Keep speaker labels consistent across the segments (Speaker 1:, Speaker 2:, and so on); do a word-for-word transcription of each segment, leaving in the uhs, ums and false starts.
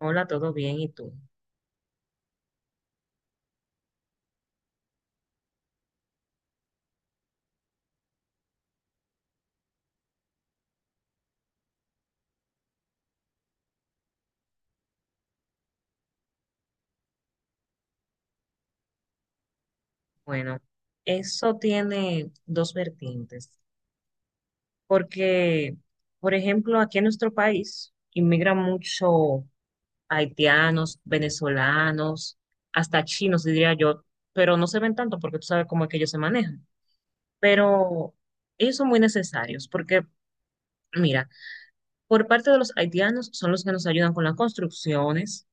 Speaker 1: Hola, ¿todo bien? ¿Y tú? Bueno, eso tiene dos vertientes, porque, por ejemplo, aquí en nuestro país inmigran mucho haitianos, venezolanos, hasta chinos, diría yo, pero no se ven tanto porque tú sabes cómo es que ellos se manejan. Pero ellos son muy necesarios, porque, mira, por parte de los haitianos son los que nos ayudan con las construcciones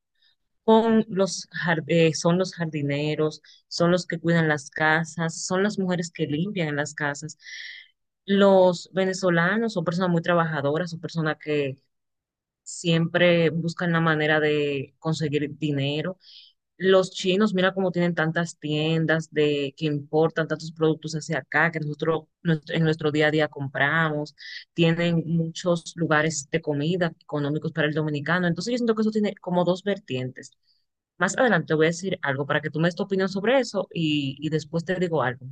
Speaker 1: con los, jar- eh, son los jardineros, son los que cuidan las casas, son las mujeres que limpian las casas. Los venezolanos son personas muy trabajadoras, son personas que siempre buscan la manera de conseguir dinero. Los chinos, mira cómo tienen tantas tiendas de que importan tantos productos hacia acá que nosotros nuestro- en nuestro día a día compramos. Tienen muchos lugares de comida económicos para el dominicano. Entonces yo siento que eso tiene como dos vertientes. Más adelante te voy a decir algo para que tú me des tu opinión sobre eso y, y después te digo algo.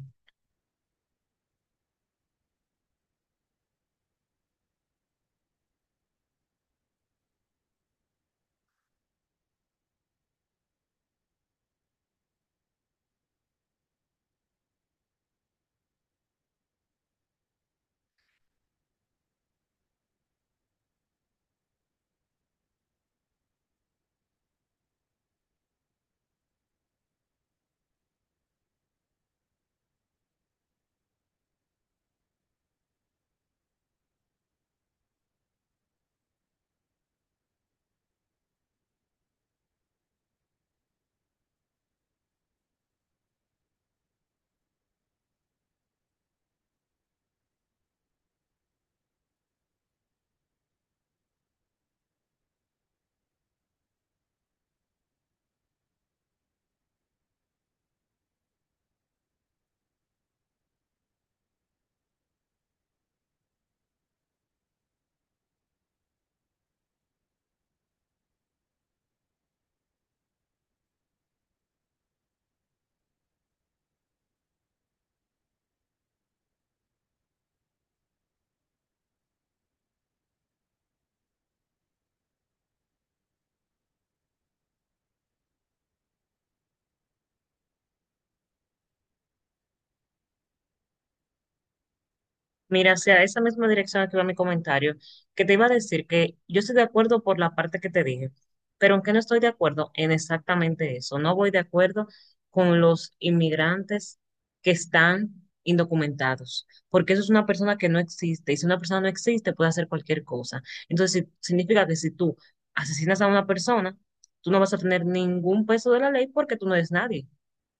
Speaker 1: Mira, o sea, esa misma dirección a que va mi comentario, que te iba a decir que yo estoy de acuerdo por la parte que te dije, pero aunque no estoy de acuerdo en exactamente eso, no voy de acuerdo con los inmigrantes que están indocumentados, porque eso es una persona que no existe, y si una persona no existe puede hacer cualquier cosa. Entonces, si- significa que si tú asesinas a una persona, tú no vas a tener ningún peso de la ley porque tú no eres nadie,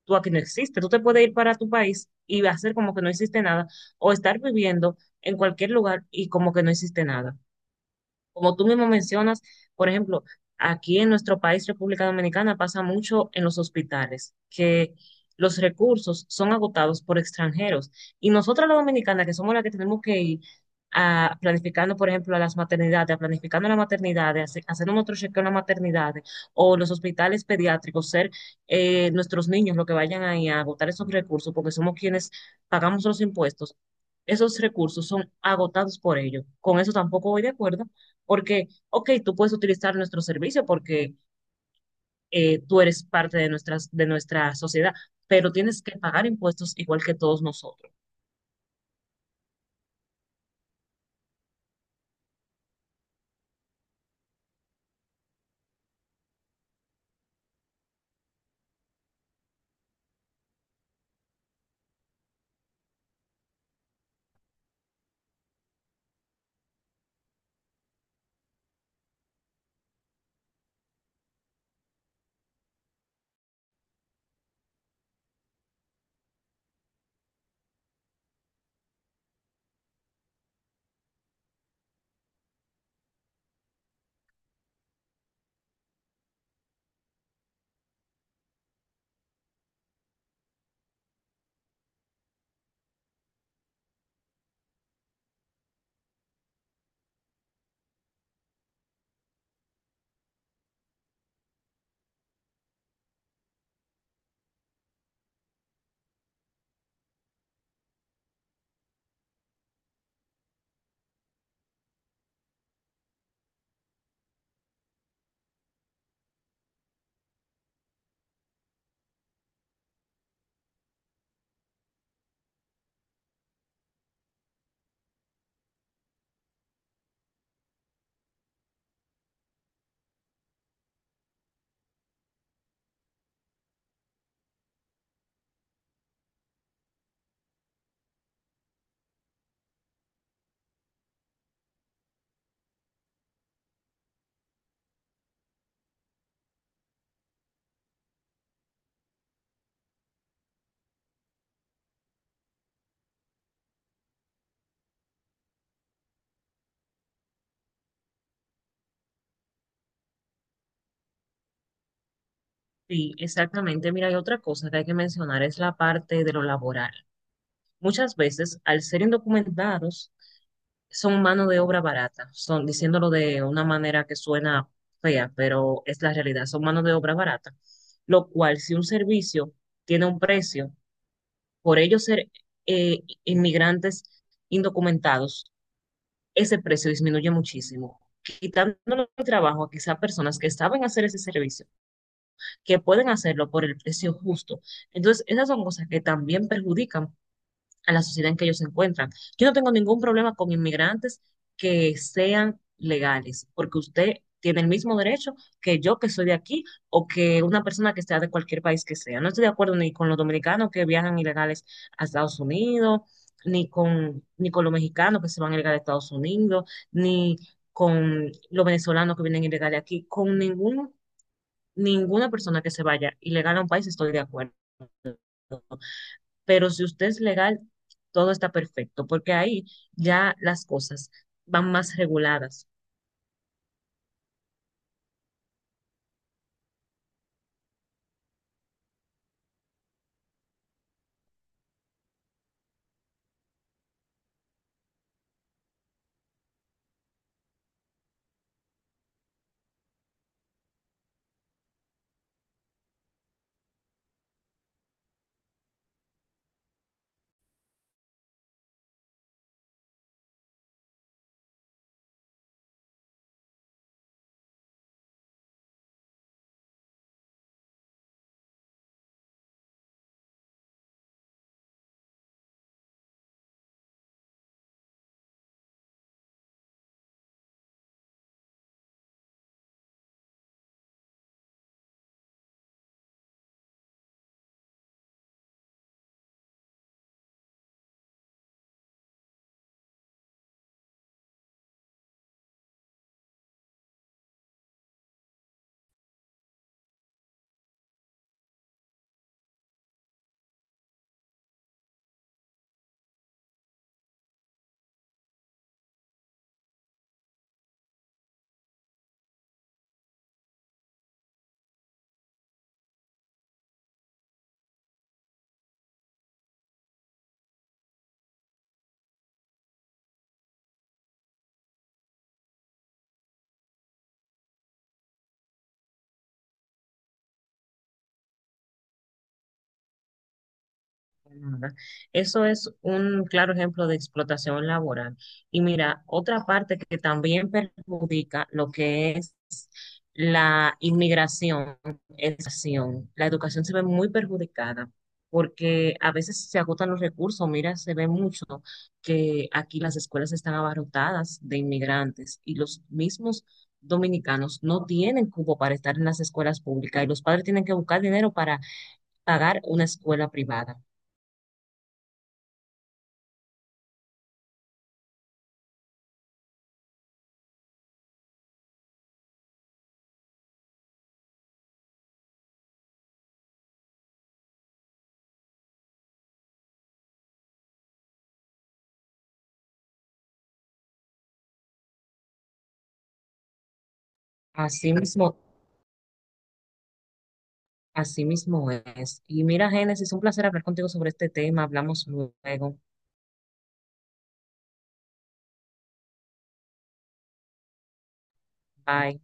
Speaker 1: tú aquí no existes. Tú te puedes ir para tu país y hacer como que no existe nada o estar viviendo en cualquier lugar y como que no existe nada. Como tú mismo mencionas, por ejemplo, aquí en nuestro país, República Dominicana, pasa mucho en los hospitales, que los recursos son agotados por extranjeros. Y nosotros los dominicanas, que somos las que tenemos que ir a planificando, por ejemplo, a las maternidades, a planificando las maternidades, hace- haciendo nuestro chequeo en las maternidades, o los hospitales pediátricos, ser eh, nuestros niños los que vayan ahí a agotar esos recursos, porque somos quienes pagamos los impuestos. Esos recursos son agotados por ellos. Con eso tampoco voy de acuerdo porque, ok, tú puedes utilizar nuestro servicio porque eh, tú eres parte de, nuestras, de nuestra sociedad, pero tienes que pagar impuestos igual que todos nosotros. Sí, exactamente. Mira, hay otra cosa que hay que mencionar, es la parte de lo laboral. Muchas veces, al ser indocumentados, son mano de obra barata, son diciéndolo de una manera que suena fea, pero es la realidad, son mano de obra barata, lo cual si un servicio tiene un precio por ellos ser eh, inmigrantes indocumentados, ese precio disminuye muchísimo, quitándole el trabajo a quizá personas que saben hacer ese servicio, que pueden hacerlo por el precio justo. Entonces, esas son cosas que también perjudican a la sociedad en que ellos se encuentran. Yo no tengo ningún problema con inmigrantes que sean legales, porque usted tiene el mismo derecho que yo que soy de aquí o que una persona que sea de cualquier país que sea. No estoy de acuerdo ni con los dominicanos que viajan ilegales a Estados Unidos, ni con, ni con los mexicanos que se van ilegales a Estados Unidos, ni con los venezolanos que vienen ilegales aquí, con ningún, ninguna persona que se vaya ilegal a un país estoy de acuerdo, pero si usted es legal, todo está perfecto, porque ahí ya las cosas van más reguladas. Ajá. Eso es un claro ejemplo de explotación laboral. Y mira, otra parte que también perjudica lo que es la inmigración, educación. La educación se ve muy perjudicada porque a veces se agotan los recursos. Mira, se ve mucho que aquí las escuelas están abarrotadas de inmigrantes y los mismos dominicanos no tienen cupo para estar en las escuelas públicas y los padres tienen que buscar dinero para pagar una escuela privada. Así mismo, así mismo es. Y mira, Génesis, un placer hablar contigo sobre este tema. Hablamos luego. Bye.